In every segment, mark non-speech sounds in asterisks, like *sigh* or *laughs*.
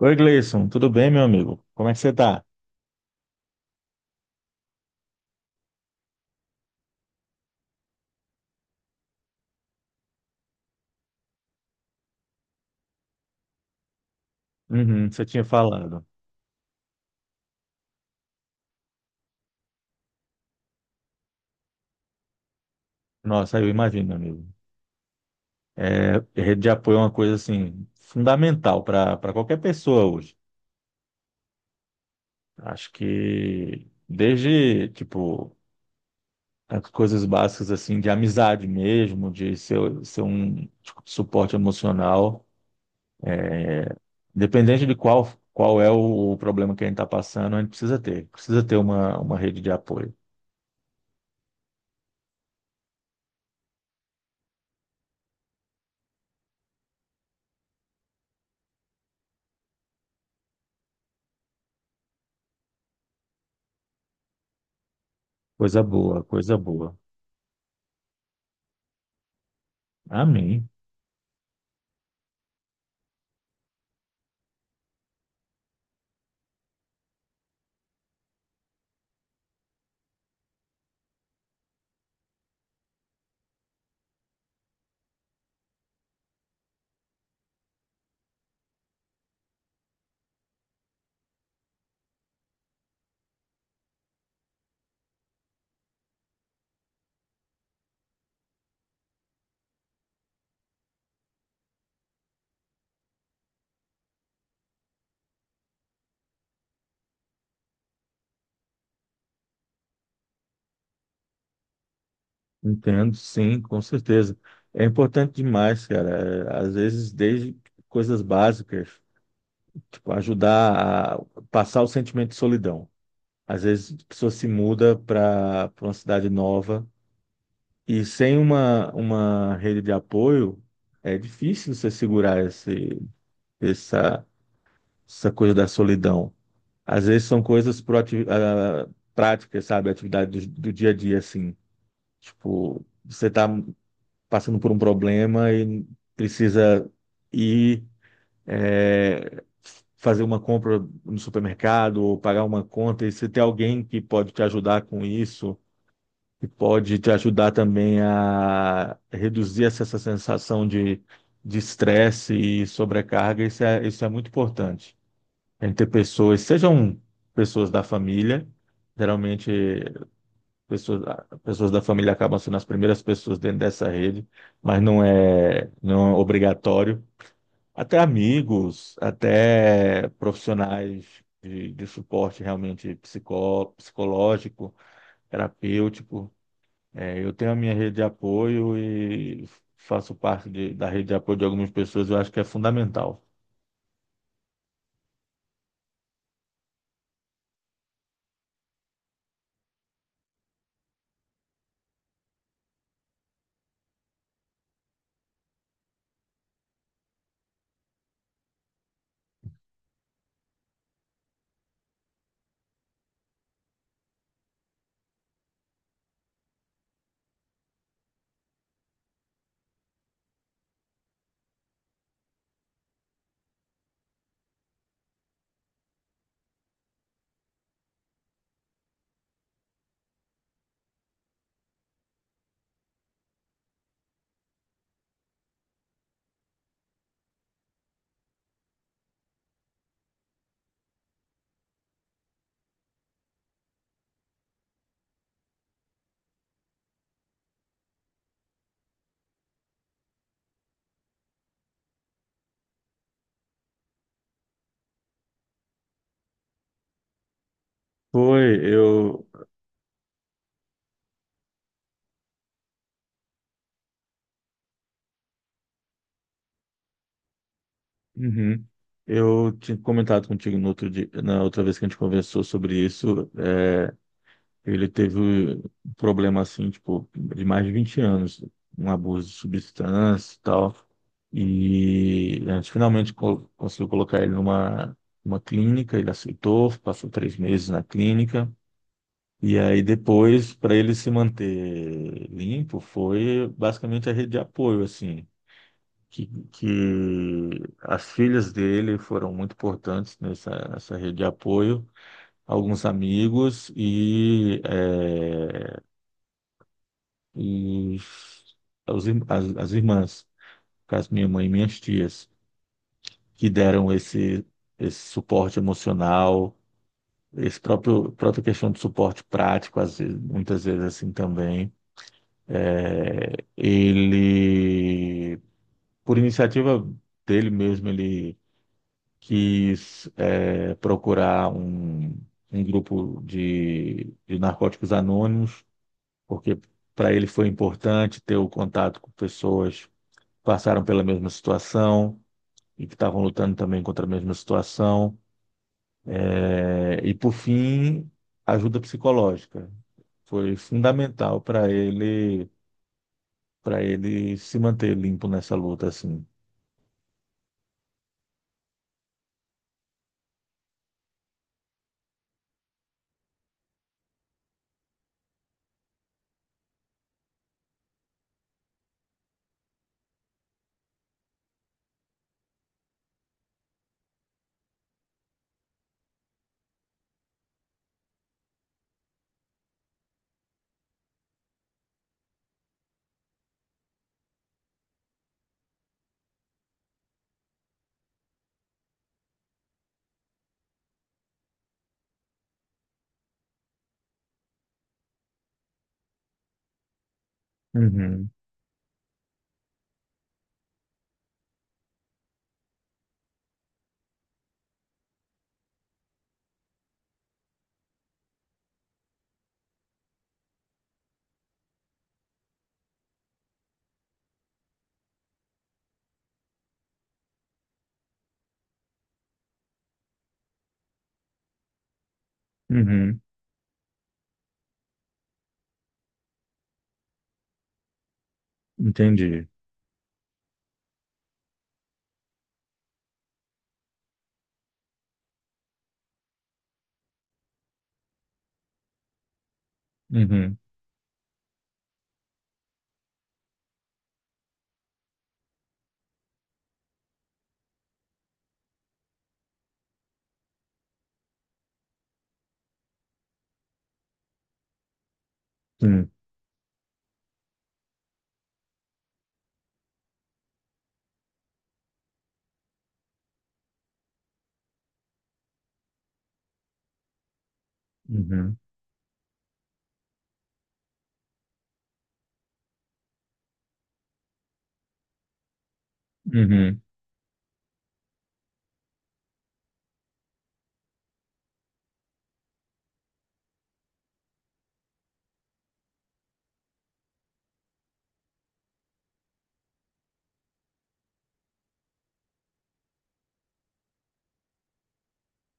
Oi, Gleison, tudo bem, meu amigo? Como é que você tá? Uhum, você tinha falado. Nossa, eu imagino, meu amigo. É, rede de apoio é uma coisa, assim, fundamental para qualquer pessoa hoje. Acho que desde, tipo, as coisas básicas, assim, de amizade mesmo, de ser um tipo, de suporte emocional, independente de qual, qual é o problema que a gente está passando, a gente precisa ter. Precisa ter uma rede de apoio. Coisa boa, coisa boa. Amém. Entendo, sim, com certeza. É importante demais, cara. É, às vezes, desde coisas básicas, tipo, ajudar a passar o sentimento de solidão. Às vezes, a pessoa se muda para uma cidade nova e sem uma rede de apoio, é difícil você segurar essa, essa coisa da solidão. Às vezes, são coisas práticas, sabe? Atividade do dia a dia, assim. Tipo, você tá passando por um problema e precisa ir é, fazer uma compra no supermercado ou pagar uma conta, e se tem alguém que pode te ajudar com isso, que pode te ajudar também a reduzir essa sensação de estresse e sobrecarga, isso é muito importante. A gente ter pessoas, sejam pessoas da família, geralmente pessoas, pessoas da família acabam sendo as primeiras pessoas dentro dessa rede, mas não é obrigatório. Até amigos, até profissionais de suporte realmente psicológico, terapêutico. É, eu tenho a minha rede de apoio e faço da rede de apoio de algumas pessoas, eu acho que é fundamental. Foi, eu. Uhum. Eu tinha comentado contigo no outro dia, na outra vez que a gente conversou sobre isso. Ele teve um problema assim, tipo, de mais de 20 anos, um abuso de substância e tal. E a gente finalmente conseguiu colocar ele uma clínica, ele aceitou, passou três meses na clínica. E aí depois, para ele se manter limpo, foi basicamente a rede de apoio, assim, que, que as filhas dele foram muito importantes nessa rede de apoio, alguns amigos os, as irmãs, no caso minha mãe e minhas tias, que deram esse suporte emocional, esse próprio própria questão de suporte prático, às vezes, muitas vezes assim também. É, ele, por iniciativa dele mesmo, ele quis procurar um grupo de narcóticos anônimos, porque para ele foi importante ter o contato com pessoas passaram pela mesma situação e que estavam lutando também contra a mesma situação. É, e, por fim, ajuda psicológica. Foi fundamental para ele se manter limpo nessa luta, assim. Uhum, uhum, entendi. Uhum, sim, uhum, uhum.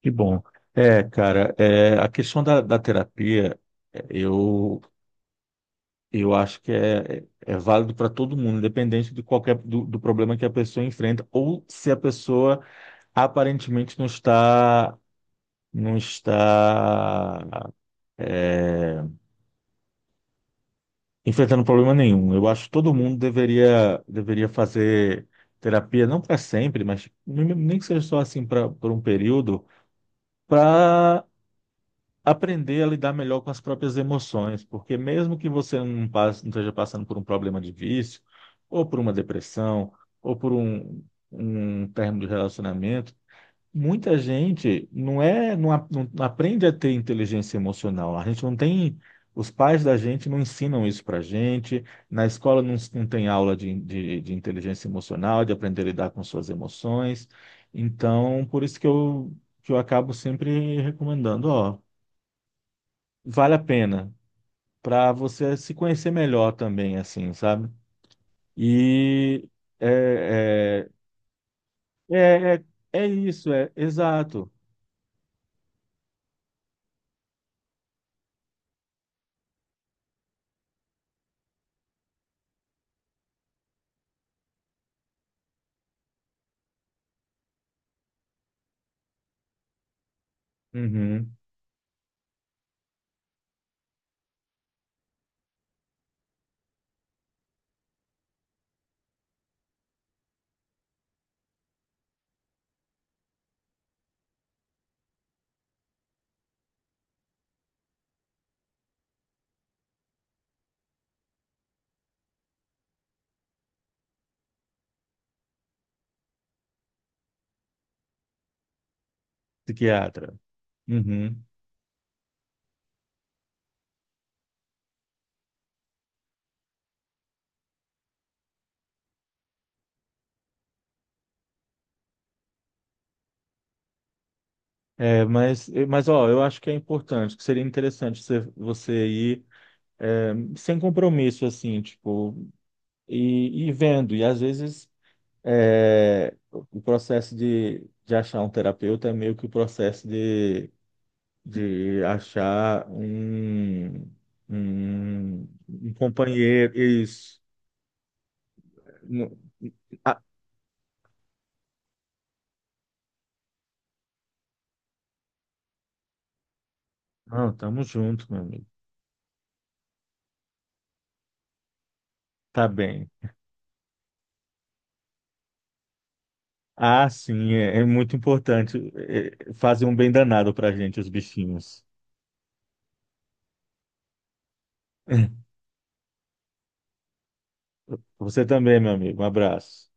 Que bom. É, cara, é, a questão da terapia, é, eu Eu acho que é, é válido para todo mundo, independente de qualquer do problema que a pessoa enfrenta, ou se a pessoa aparentemente não está não está é, enfrentando problema nenhum. Eu acho que todo mundo deveria fazer terapia, não para sempre, mas nem que seja só assim para por um período, para aprender a lidar melhor com as próprias emoções, porque mesmo que você não esteja passando por um problema de vício, ou por uma depressão, ou por um término de relacionamento, muita gente não aprende a ter inteligência emocional. A gente não tem, os pais da gente não ensinam isso para gente, na escola não tem aula de inteligência emocional, de aprender a lidar com suas emoções. Então, por isso que eu acabo sempre recomendando, ó, vale a pena para você se conhecer melhor também, assim, sabe? E é, é, é, é, é isso, é exato. Uhum, psiquiatra. Uhum. É, mas ó, eu acho que é importante, que seria interessante você ir sem compromisso, assim, tipo, e vendo. E às vezes o processo de achar um terapeuta é meio que o processo de de achar um, um, um companheiro. Isso. Não, ah, não, tamo junto, meu amigo. Tá bem. Ah, sim, é, é muito importante fazer um bem danado pra gente, os bichinhos. *laughs* Você também, meu amigo. Um abraço.